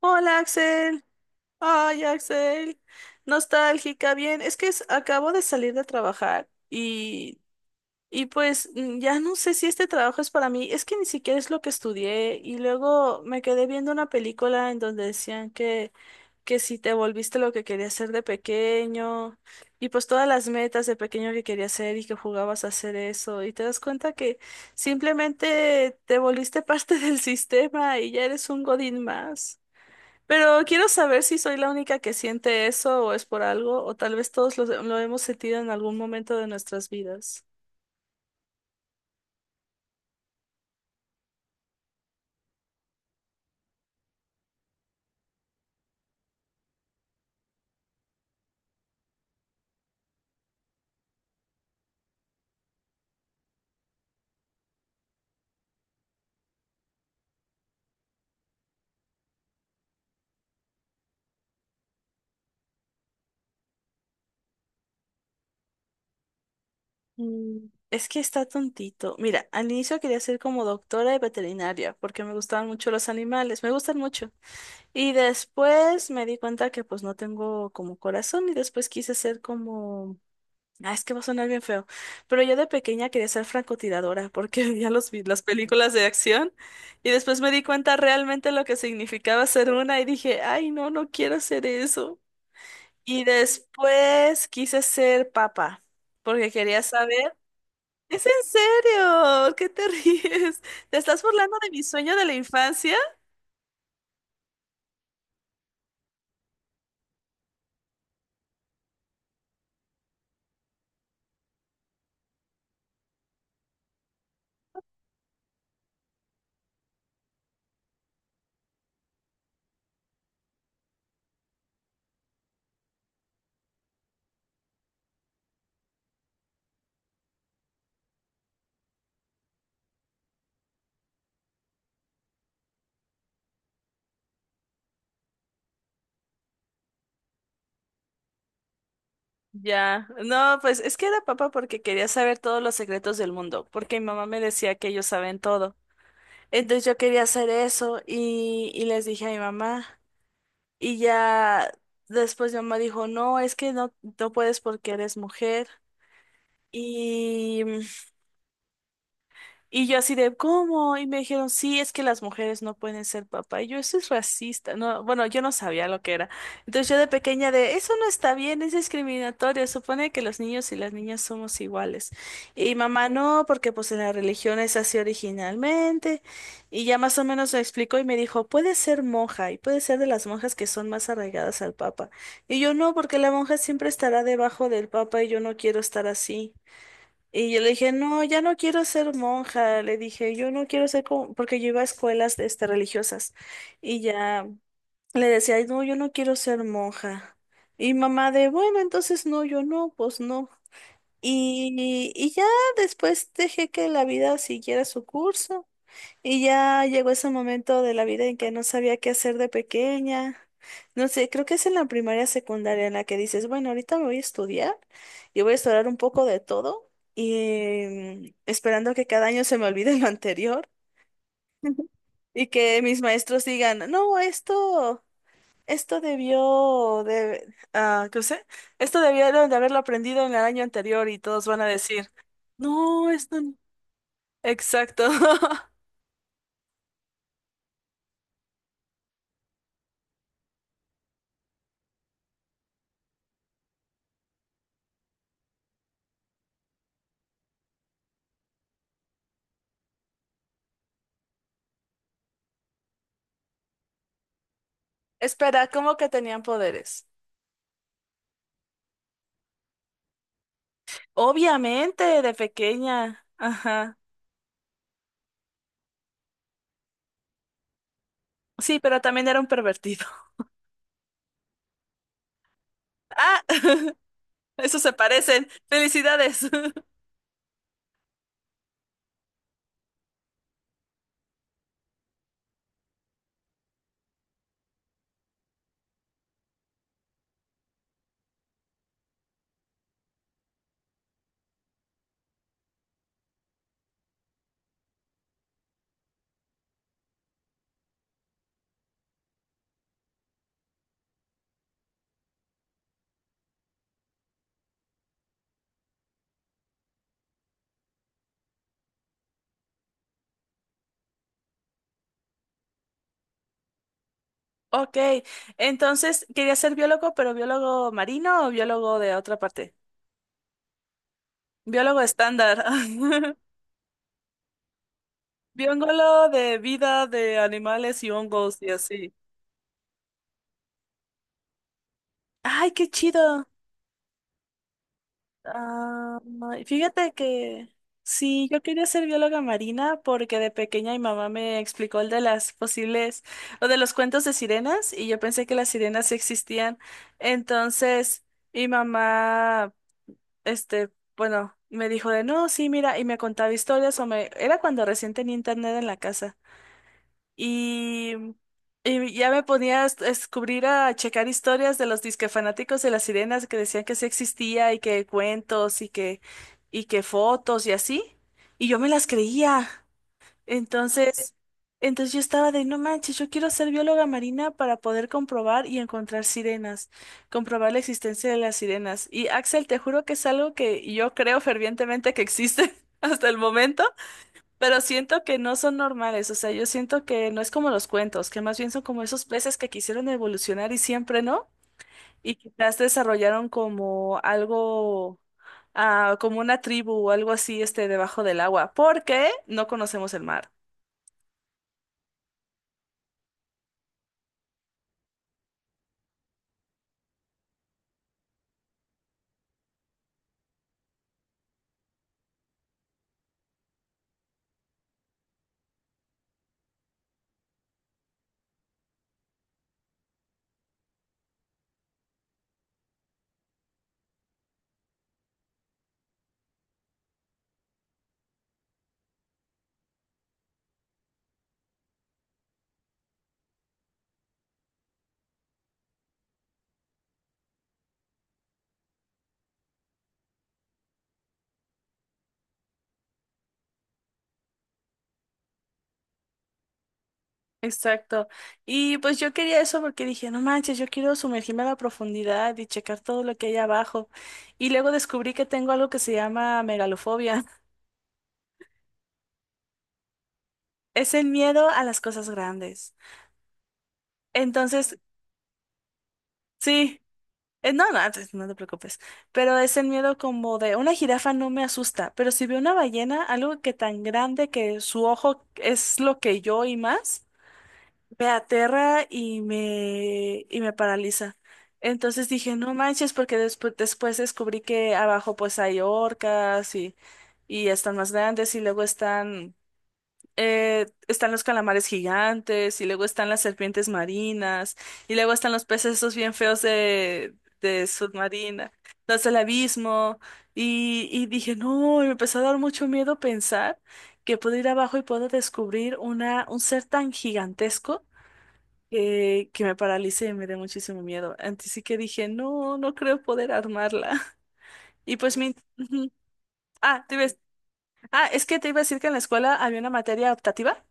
Hola Axel, ay Axel, nostálgica, bien, es que es- acabo de salir de trabajar y pues ya no sé si este trabajo es para mí, es que ni siquiera es lo que estudié y luego me quedé viendo una película en donde decían que si te volviste lo que querías ser de pequeño y pues todas las metas de pequeño que querías hacer y que jugabas a hacer eso y te das cuenta que simplemente te volviste parte del sistema y ya eres un godín más. Pero quiero saber si soy la única que siente eso o es por algo, o tal vez todos lo hemos sentido en algún momento de nuestras vidas. Es que está tontito. Mira, al inicio quería ser como doctora de veterinaria porque me gustaban mucho los animales, me gustan mucho. Y después me di cuenta que pues no tengo como corazón y después quise ser como... ah, es que va a sonar bien feo. Pero yo de pequeña quería ser francotiradora porque veía las películas de acción y después me di cuenta realmente lo que significaba ser una y dije, ay, no, no quiero hacer eso. Y después quise ser papa porque quería saber. ¿Es en serio? ¿Por... qué te ríes? ¿Te estás burlando de mi sueño de la infancia? Ya, no, pues es que era papa porque quería saber todos los secretos del mundo, porque mi mamá me decía que ellos saben todo. Entonces yo quería hacer eso y les dije a mi mamá y ya después mi mamá dijo, no, es que no, no puedes porque eres mujer. Y y yo así de, ¿cómo? Y me dijeron, sí, es que las mujeres no pueden ser papá. Y yo, eso es racista. No, bueno, yo no sabía lo que era. Entonces yo de pequeña de, eso no está bien, es discriminatorio. Supone que los niños y las niñas somos iguales. Y mamá, no, porque pues en la religión es así originalmente. Y ya más o menos me explicó y me dijo, puede ser monja y puede ser de las monjas que son más arraigadas al papa. Y yo, no, porque la monja siempre estará debajo del papa y yo no quiero estar así. Y yo le dije, no, ya no quiero ser monja. Le dije, yo no quiero ser como, porque yo iba a escuelas este, religiosas. Y ya le decía, "Ay, no, yo no quiero ser monja. Y mamá de, bueno, entonces no, yo no, pues no". Y ya después dejé que la vida siguiera su curso. Y ya llegó ese momento de la vida en que no sabía qué hacer de pequeña. No sé, creo que es en la primaria secundaria en la que dices, bueno, ahorita me voy a estudiar y voy a estudiar un poco de todo y esperando que cada año se me olvide lo anterior y que mis maestros digan, no, esto debió de, ah, ¿qué sé? Esto debieron de haberlo aprendido en el año anterior y todos van a decir, no, esto, no. Exacto. Espera, ¿cómo que tenían poderes? Obviamente, de pequeña. Ajá. Sí, pero también era un pervertido. Ah, eso se parecen. Felicidades. Ok, entonces quería ser biólogo, pero biólogo marino o biólogo de otra parte. Biólogo estándar. Biólogo de vida de animales y hongos y así. Ay, qué chido. Ah, fíjate que sí, yo quería ser bióloga marina porque de pequeña mi mamá me explicó el de las posibles o de los cuentos de sirenas y yo pensé que las sirenas sí existían. Entonces, mi mamá, este, bueno, me dijo de no, sí, mira, y me contaba historias o me, era cuando recién tenía internet en la casa. Y, y ya me ponía a a descubrir, a checar historias de los disque fanáticos de las sirenas que decían que sí existía y que cuentos y que fotos y así. Y yo me las creía. Entonces, entonces yo estaba de, no manches, yo quiero ser bióloga marina para poder comprobar y encontrar sirenas, comprobar la existencia de las sirenas. Y Axel, te juro que es algo que yo creo fervientemente que existe hasta el momento. Pero siento que no son normales, o sea, yo siento que no es como los cuentos, que más bien son como esos peces que quisieron evolucionar y siempre no, y quizás desarrollaron como algo, ah, como una tribu o algo así, este, debajo del agua, porque no conocemos el mar. Exacto. Y pues yo quería eso porque dije, no manches, yo quiero sumergirme a la profundidad y checar todo lo que hay abajo. Y luego descubrí que tengo algo que se llama megalofobia. Es el miedo a las cosas grandes. Entonces, sí. No, no, antes no te preocupes. Pero es el miedo como de una jirafa no me asusta, pero si veo una ballena, algo que tan grande que su ojo es lo que yo y más, me aterra y me paraliza. Entonces dije, no manches, porque después descubrí que abajo pues hay orcas y están más grandes y luego están están los calamares gigantes y luego están las serpientes marinas y luego están los peces esos bien feos de submarina, los del abismo y dije, no, y me empezó a dar mucho miedo pensar que puedo ir abajo y puedo descubrir una, un ser tan gigantesco que me paralice y me dé muchísimo miedo. Antes sí que dije, no, no creo poder armarla. Y pues mi... ujú. Ah, te ibas- ah, es que te iba a decir que en la escuela había una materia optativa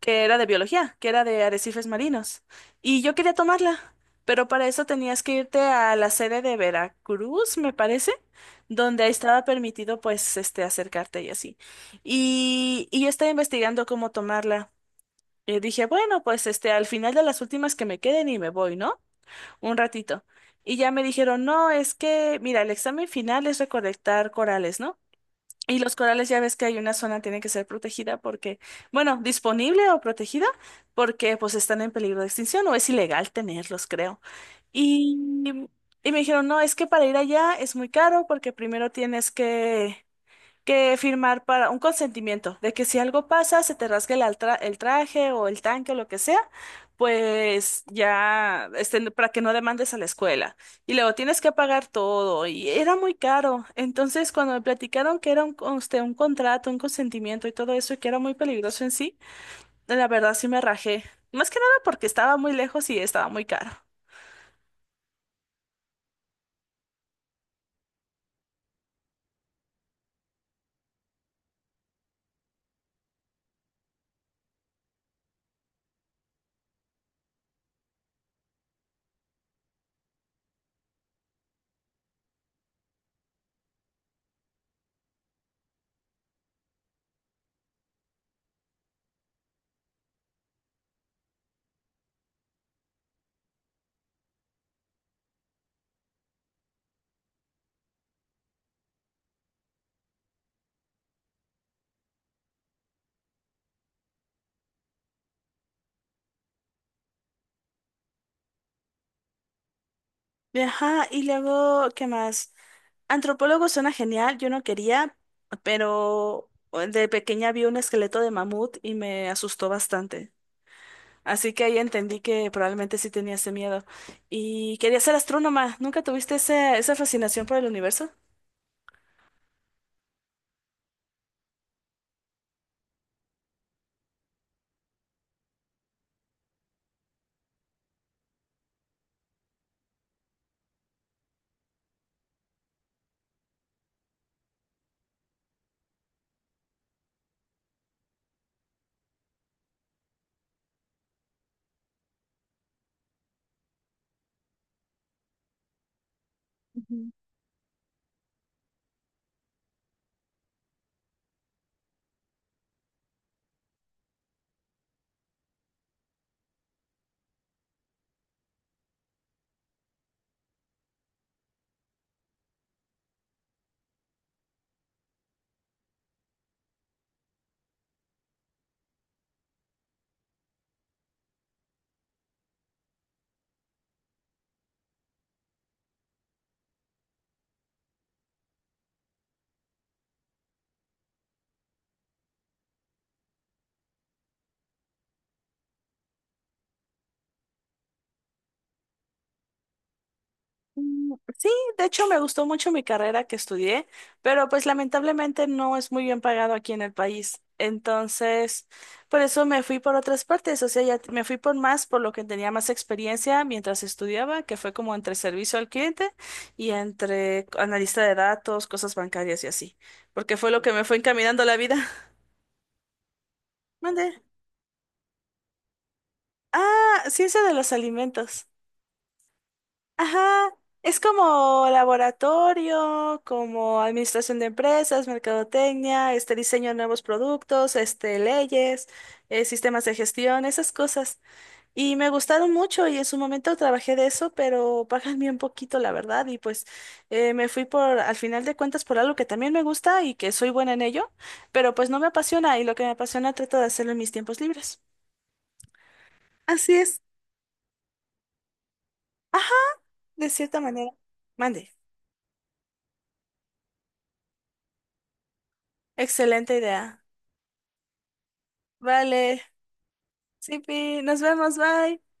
que era de biología, que era de arrecifes marinos. Y yo quería tomarla, pero para eso tenías que irte a la sede de Veracruz, me parece, donde estaba permitido pues este acercarte y así. Y yo estaba investigando cómo tomarla. Y dije, bueno, pues este, al final de las últimas que me queden y me voy, ¿no? Un ratito. Y ya me dijeron, no, es que, mira, el examen final es recolectar corales, ¿no? Y los corales ya ves que hay una zona tiene que ser protegida porque, bueno, disponible o protegida porque pues están en peligro de extinción o es ilegal tenerlos, creo. Y, y me dijeron, no, es que para ir allá es muy caro porque primero tienes que firmar para un consentimiento de que si algo pasa, se te rasgue el traje o el tanque o lo que sea, pues ya, este, no, para que no demandes a la escuela. Y luego tienes que pagar todo y era muy caro. Entonces, cuando me platicaron que era un, un contrato, un consentimiento y todo eso, y que era muy peligroso en sí, la verdad sí me rajé. Más que nada porque estaba muy lejos y estaba muy caro. Ajá, y luego, ¿qué más? Antropólogo suena genial, yo no quería, pero de pequeña vi un esqueleto de mamut y me asustó bastante. Así que ahí entendí que probablemente sí tenía ese miedo. Y quería ser astrónoma. ¿Nunca tuviste esa fascinación por el universo? Sí, de hecho me gustó mucho mi carrera que estudié, pero pues lamentablemente no es muy bien pagado aquí en el país. Entonces, por eso me fui por otras partes, o sea, ya me fui por más, por lo que tenía más experiencia mientras estudiaba, que fue como entre servicio al cliente y entre analista de datos, cosas bancarias y así, porque fue lo que me fue encaminando la vida. Mande. Ah, ciencia de los alimentos. Ajá, es como laboratorio, como administración de empresas, mercadotecnia, este diseño de nuevos productos, este leyes, sistemas de gestión, esas cosas. Y me gustaron mucho y en su momento trabajé de eso, pero pagan bien poquito, la verdad. Y pues me fui por, al final de cuentas, por algo que también me gusta y que soy buena en ello, pero pues no me apasiona y lo que me apasiona trato de hacerlo en mis tiempos libres. Así es. Ajá, de cierta manera. Mande. Excelente idea. Vale. Sí, Pi, nos vemos, bye.